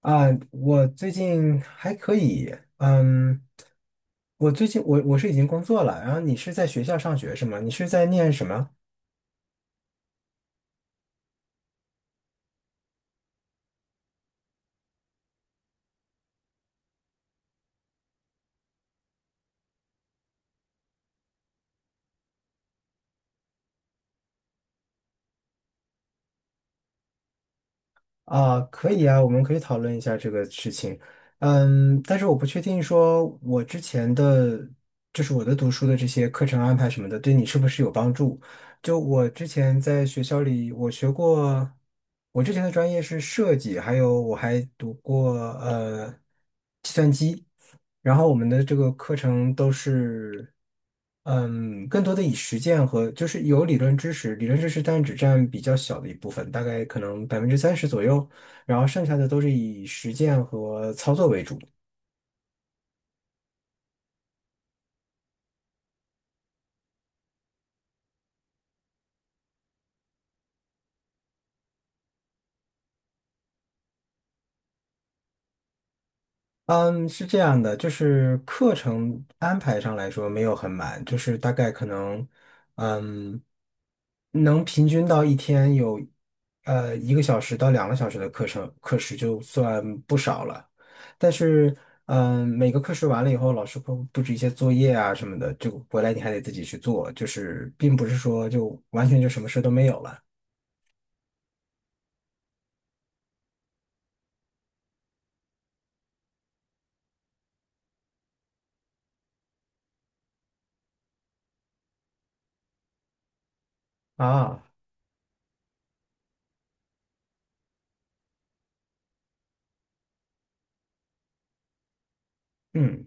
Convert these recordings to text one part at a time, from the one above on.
啊，我最近还可以，嗯，我最近我是已经工作了，然后你是在学校上学是吗？你是在念什么？啊，可以啊，我们可以讨论一下这个事情，但是我不确定说我之前的就是,我的读书的这些课程安排什么的，对你是不是有帮助？就我之前在学校里，我学过，我之前的专业是设计，还有我还读过计算机。然后我们的这个课程都是，更多的以实践和就是有理论知识，但只占比较小的一部分，大概可能30%左右，然后剩下的都是以实践和操作为主。嗯，是这样的，就是课程安排上来说没有很满，就是大概可能，嗯，能平均到一天有，一个小时到两个小时的课程课时就算不少了。但是，每个课时完了以后，老师会布置一些作业啊什么的，就回来你还得自己去做，就是并不是说就完全就什么事都没有了啊。嗯，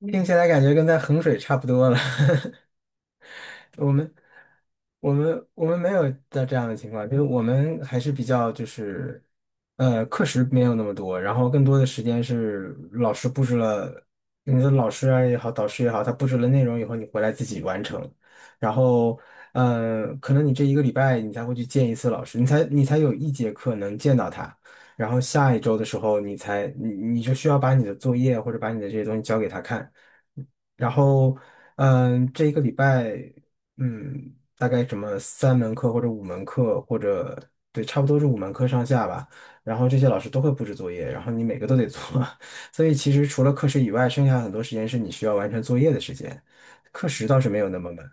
听起来感觉跟在衡水差不多了。我们我们没有的这样的情况，就是我们还是比较就是，课时没有那么多，然后更多的时间是老师布置了，你的老师啊也好，导师也好，他布置了内容以后，你回来自己完成，然后，可能你这一个礼拜你才会去见一次老师，你才有一节课能见到他，然后下一周的时候你才你你就需要把你的作业或者把你的这些东西交给他看。然后，这一个礼拜大概什么三门课或者五门课，或者对，差不多是五门课上下吧。然后这些老师都会布置作业，然后你每个都得做。所以其实除了课时以外，剩下很多时间是你需要完成作业的时间。课时倒是没有那么满。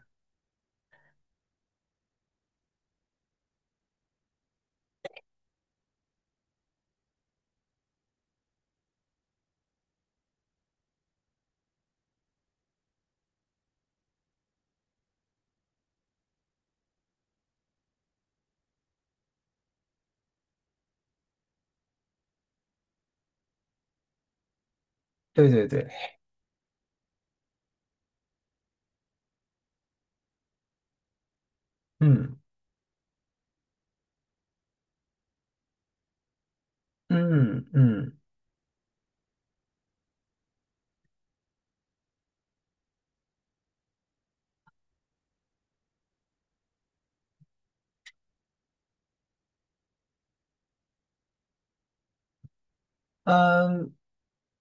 对对对，嗯嗯嗯。嗯，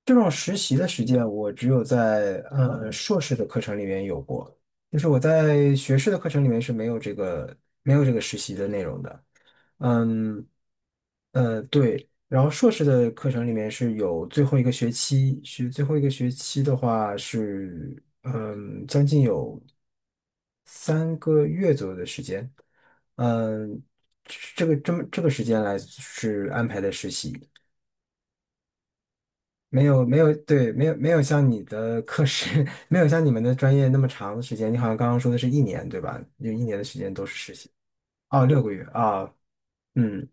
这种实习的实践，我只有在硕士的课程里面有过，就是我在学士的课程里面是没有这个实习的内容的。嗯，对，然后硕士的课程里面是有最后一个学期，最后一个学期的话是将近有3个月左右的时间。嗯，这个这个时间来是安排的实习。没有没有对，没有没有像你的课时，没有像你们的专业那么长的时间。你好像刚刚说的是一年，对吧？有一年的时间都是实习。哦，6个月啊，嗯，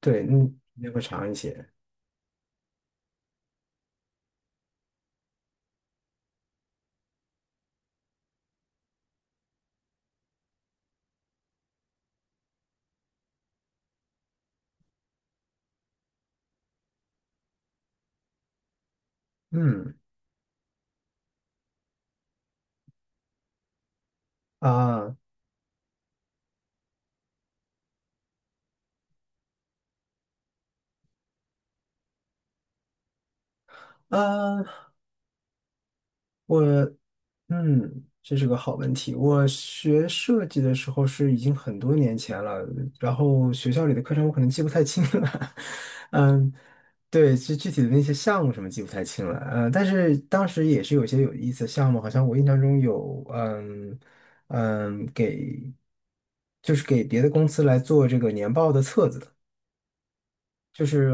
对，嗯，那会长一些。嗯啊啊，我。嗯，这是个好问题。我学设计的时候是已经很多年前了，然后学校里的课程我可能记不太清了。嗯，对，具体的那些项目什么记不太清了。但是当时也是有些有意思的项目，好像我印象中有，给给别的公司来做这个年报的册子。就是，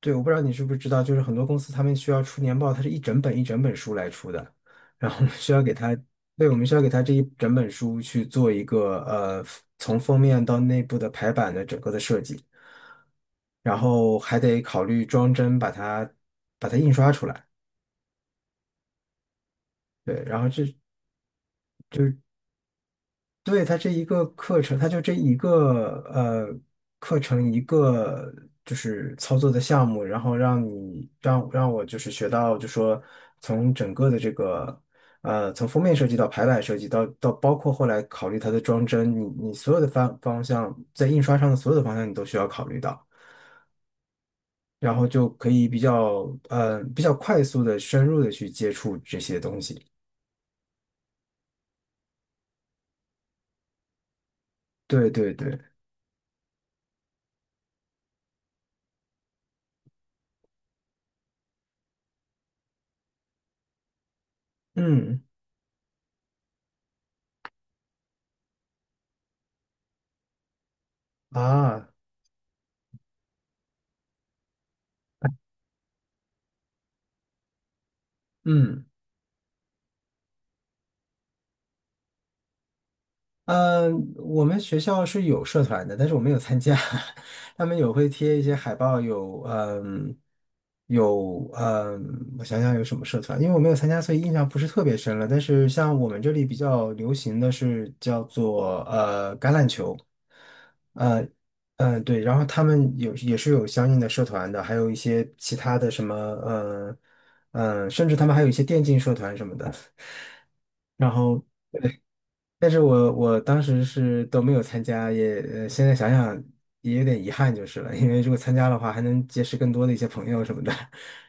对，我不知道你是不是知道，就是很多公司他们需要出年报，它是一整本一整本书来出的，然后我们需要给它，对，我们需要给它这一整本书去做一个从封面到内部的排版的整个的设计，然后还得考虑装帧把它印刷出来，对，然后这对，它这一个课程，它就这一个课程就是操作的项目，然后让你让让我就是学到，就说从整个的这个从封面设计到排版设计到包括后来考虑它的装帧，你你所有的方向在印刷上的所有的方向你都需要考虑到，然后就可以比较比较快速的深入的去接触这些东西。对对对，嗯啊嗯。嗯，我们学校是有社团的，但是我没有参加。他们有会贴一些海报，有有我想想有什么社团，因为我没有参加，所以印象不是特别深了。但是像我们这里比较流行的是叫做橄榄球，呃嗯对，然后他们有也是有相应的社团的，还有一些其他的什么甚至他们还有一些电竞社团什么的。然后但是我当时是都没有参加，现在想想也有点遗憾就是了，因为如果参加的话，还能结识更多的一些朋友什么的。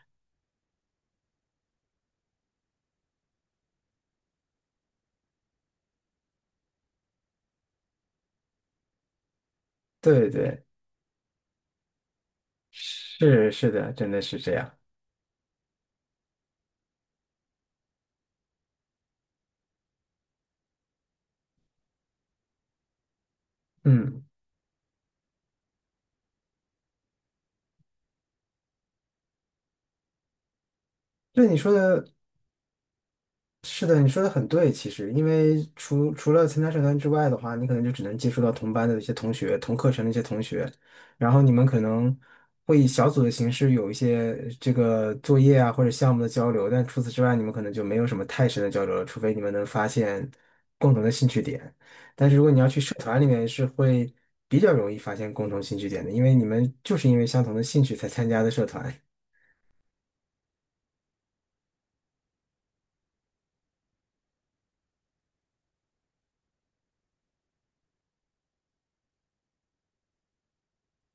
对对，是是的，真的是这样。嗯，对你说的，是的，你说的很对。其实，因为除了参加社团之外的话，你可能就只能接触到同班的一些同学、同课程的一些同学，然后你们可能会以小组的形式有一些这个作业啊或者项目的交流，但除此之外，你们可能就没有什么太深的交流了，除非你们能发现共同的兴趣点。但是如果你要去社团里面，是会比较容易发现共同兴趣点的，因为你们就是因为相同的兴趣才参加的社团。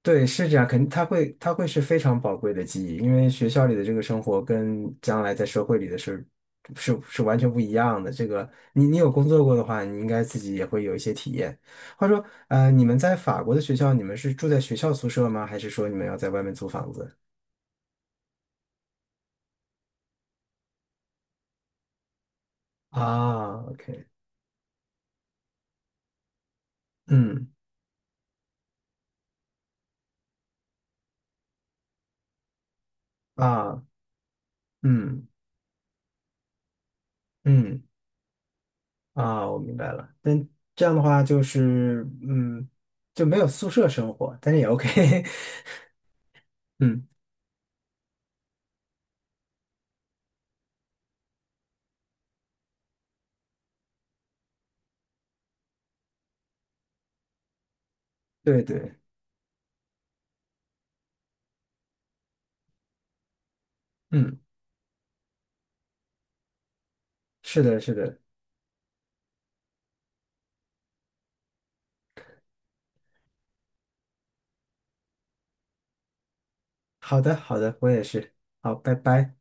对，是这样，肯定它会是非常宝贵的记忆，因为学校里的这个生活跟将来在社会里的是完全不一样的。这个你有工作过的话，你应该自己也会有一些体验。话说，你们在法国的学校，你们是住在学校宿舍吗？还是说你们要在外面租房子？啊，OK,嗯，啊，嗯，嗯，啊，我明白了。但这样的话就是，嗯，就没有宿舍生活，但是也 OK。嗯，对对。嗯。是的，是的，好的，好的，我也是，好，拜拜。